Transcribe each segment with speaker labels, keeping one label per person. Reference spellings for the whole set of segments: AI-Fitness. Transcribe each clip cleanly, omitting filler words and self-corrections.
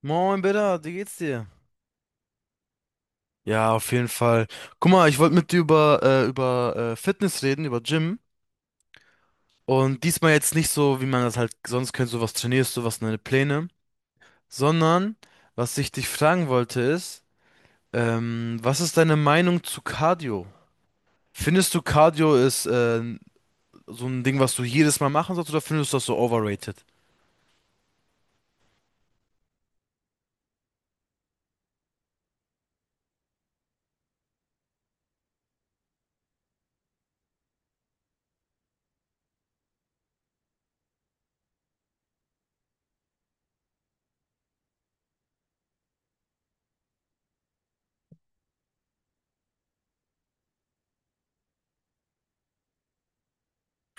Speaker 1: Moin, Bitter, wie geht's dir? Ja, auf jeden Fall. Guck mal, ich wollte mit dir über Fitness reden, über Gym. Und diesmal jetzt nicht so, wie man das halt sonst kennt, so was trainierst du, was sind deine Pläne, sondern was ich dich fragen wollte ist, was ist deine Meinung zu Cardio? Findest du Cardio ist so ein Ding, was du jedes Mal machen sollst, oder findest du das so overrated?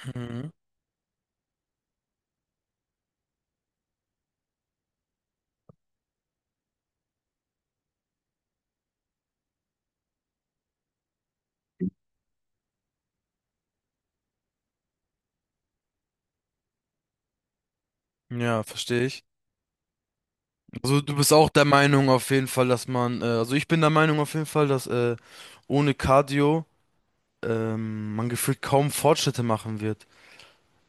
Speaker 1: Mhm. Ja, verstehe ich. Also du bist auch der Meinung auf jeden Fall, dass man, also ich bin der Meinung auf jeden Fall, dass ohne Cardio man gefühlt kaum Fortschritte machen wird.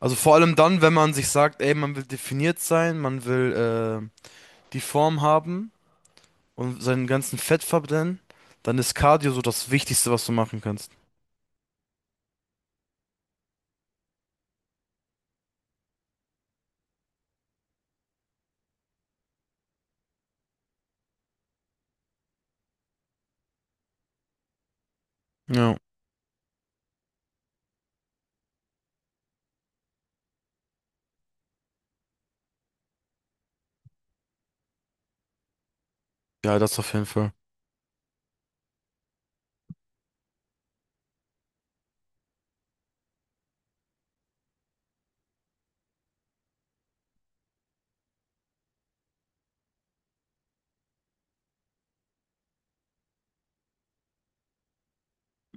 Speaker 1: Also vor allem dann, wenn man sich sagt, ey, man will definiert sein, man will die Form haben und seinen ganzen Fett verbrennen, dann ist Cardio so das Wichtigste, was du machen kannst. Ja, ja, das auf jeden Fall.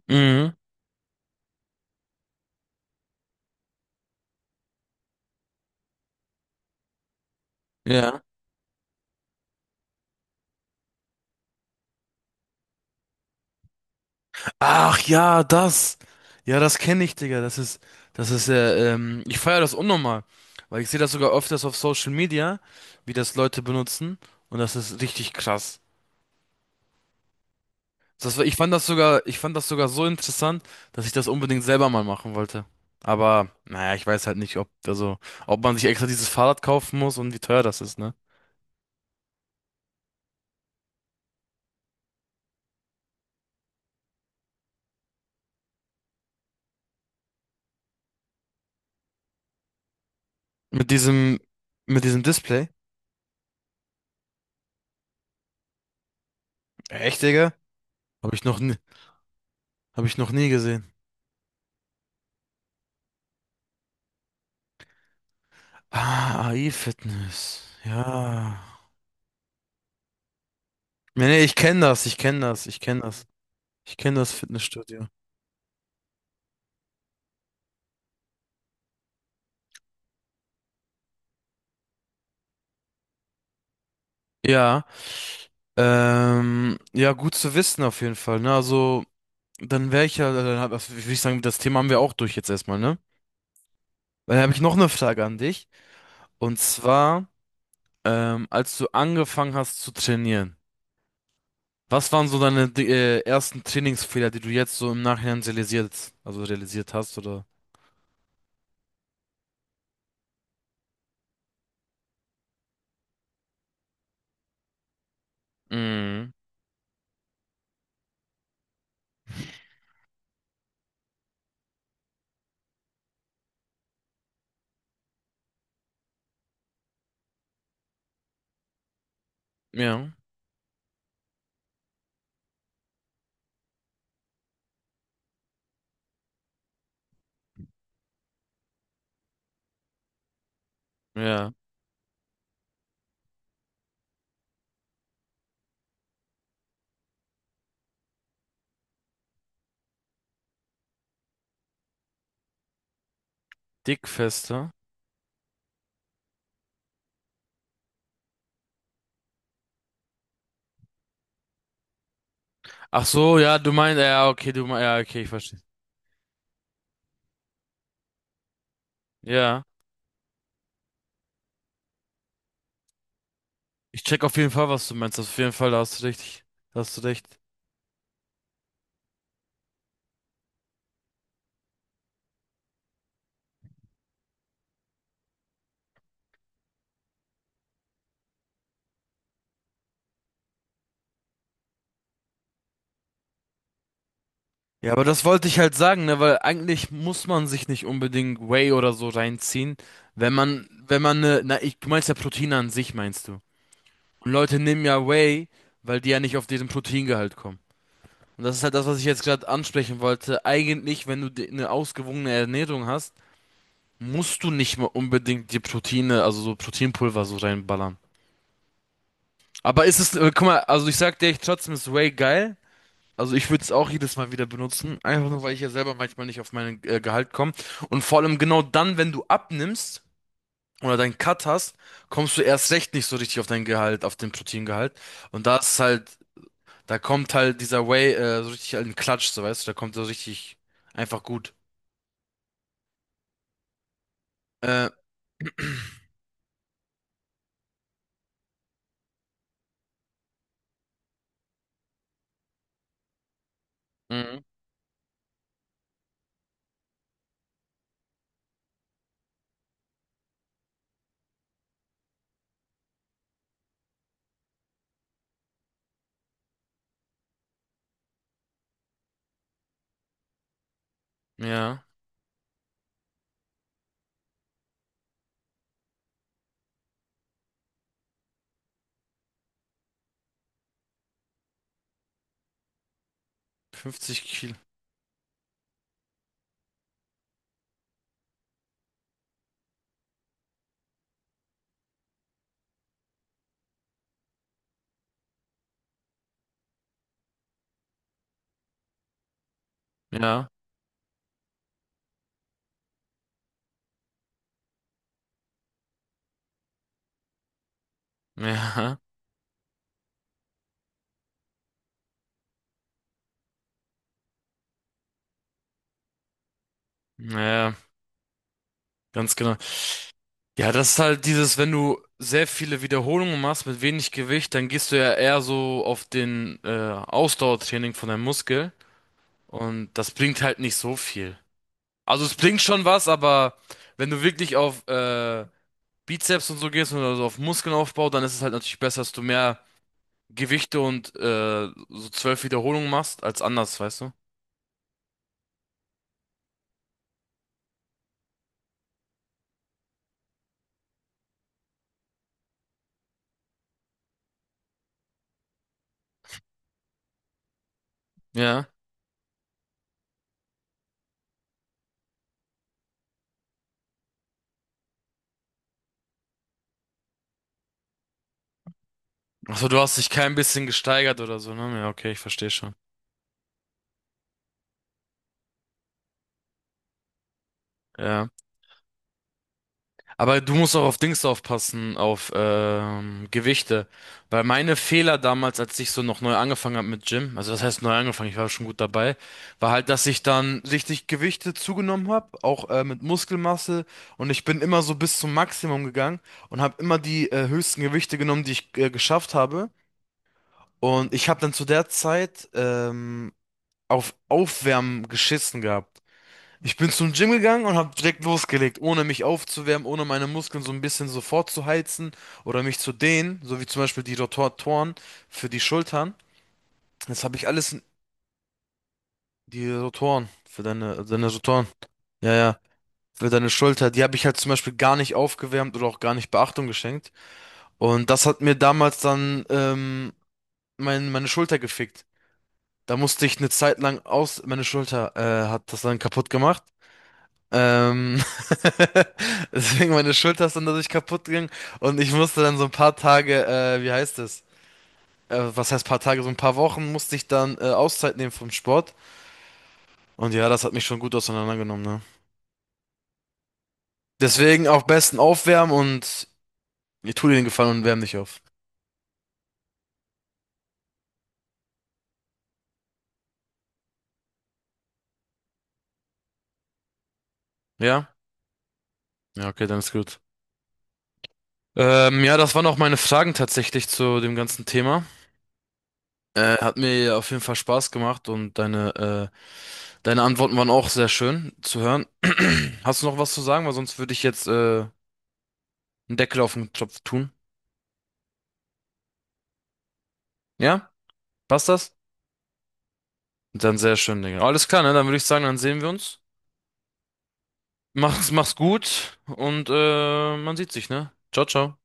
Speaker 1: Mhm, ja. Ach ja, das. Ja, das kenne ich, Digga. Das ist ja, ich feiere das unnormal, weil ich sehe das sogar öfters auf Social Media, wie das Leute benutzen, und das ist richtig krass. Das war, ich fand das sogar, Ich fand das sogar so interessant, dass ich das unbedingt selber mal machen wollte. Aber naja, ich weiß halt nicht, ob, also ob man sich extra dieses Fahrrad kaufen muss und wie teuer das ist, ne? Mit diesem, mit diesem Display? Echt, Digga? Hab ich noch nie, hab ich noch nie gesehen. Ah, AI-Fitness. Ja. Nee, nee, ich kenne das, ich kenne das. Ich kenne das Fitnessstudio. Ja, ja, gut zu wissen auf jeden Fall, ne? Also dann wäre ich ja, dann hab, das- würde ich sagen, das Thema haben wir auch durch jetzt erstmal, ne? Dann habe ich noch eine Frage an dich. Und zwar, als du angefangen hast zu trainieren, was waren so deine ersten Trainingsfehler, die du jetzt so im Nachhinein realisiert, also realisiert hast, oder? Mhm. Ja, ja. Dickfester. Ach so, ja, du meinst, ja, okay, du meinst, ja, okay, ich verstehe. Ja. Ich check auf jeden Fall, was du meinst. Auf jeden Fall, da hast du recht. Da hast du recht. Ja, aber das wollte ich halt sagen, ne, weil eigentlich muss man sich nicht unbedingt Whey oder so reinziehen, wenn man ne, na, ich, du meinst ja Proteine an sich, meinst du. Und Leute nehmen ja Whey, weil die ja nicht auf diesen Proteingehalt kommen. Und das ist halt das, was ich jetzt gerade ansprechen wollte. Eigentlich, wenn du di- eine ausgewogene Ernährung hast, musst du nicht mal unbedingt die Proteine, also so Proteinpulver so reinballern. Aber ist es, guck mal, also ich sag dir, ich trotzdem ist Whey geil. Also ich würde es auch jedes Mal wieder benutzen, einfach nur, weil ich ja selber manchmal nicht auf mein Gehalt komme. Und vor allem genau dann, wenn du abnimmst oder deinen Cut hast, kommst du erst recht nicht so richtig auf dein Gehalt, auf den Proteingehalt. Und da ist halt, da kommt halt dieser Whey so richtig in den Klatsch, so weißt du, da kommt so richtig einfach gut. Äh, mhm. Ja, 50 Kilo. Ja, ja, ja, ganz genau. Ja, das ist halt dieses, wenn du sehr viele Wiederholungen machst mit wenig Gewicht, dann gehst du ja eher so auf den Ausdauertraining von deinem Muskel, und das bringt halt nicht so viel. Also es bringt schon was, aber wenn du wirklich auf Bizeps und so gehst oder so auf Muskelaufbau, dann ist es halt natürlich besser, dass du mehr Gewichte und so zwölf Wiederholungen machst als anders, weißt du? Ja. Also du hast dich kein bisschen gesteigert oder so, ne? Ja, okay, ich verstehe schon. Ja. Aber du musst auch auf Dings aufpassen, auf Gewichte. Weil meine Fehler damals, als ich so noch neu angefangen habe mit Gym, also das heißt neu angefangen, ich war schon gut dabei, war halt, dass ich dann richtig Gewichte zugenommen habe, auch mit Muskelmasse. Und ich bin immer so bis zum Maximum gegangen und habe immer die höchsten Gewichte genommen, die ich geschafft habe. Und ich habe dann zu der Zeit auf Aufwärmen geschissen gehabt. Ich bin zum Gym gegangen und habe direkt losgelegt, ohne mich aufzuwärmen, ohne meine Muskeln so ein bisschen so vorzuheizen oder mich zu dehnen, so wie zum Beispiel die Rotatoren für die Schultern. Das habe ich alles, in- die Rotoren für deine Rotoren, ja, ja, für deine Schulter, die habe ich halt zum Beispiel gar nicht aufgewärmt oder auch gar nicht Beachtung geschenkt. Und das hat mir damals dann meine Schulter gefickt. Da musste ich eine Zeit lang aus, meine Schulter hat das dann kaputt gemacht. Ähm, deswegen meine Schulter ist dann dadurch kaputt gegangen, und ich musste dann so ein paar Tage, wie heißt es? Was heißt paar Tage? So ein paar Wochen musste ich dann Auszeit nehmen vom Sport. Und ja, das hat mich schon gut auseinandergenommen, ne? Deswegen auch besten aufwärmen, und ich tu dir den Gefallen und wärm dich auf. Ja? Ja, okay, dann ist gut. Ja, das waren auch meine Fragen tatsächlich zu dem ganzen Thema. Hat mir auf jeden Fall Spaß gemacht, und deine Antworten waren auch sehr schön zu hören. Hast du noch was zu sagen? Weil sonst würde ich jetzt einen Deckel auf den Topf tun. Ja? Passt das? Dann sehr schön, Digga. Alles klar, ne? Dann würde ich sagen, dann sehen wir uns. Mach's, mach's gut und man sieht sich, ne? Ciao, ciao.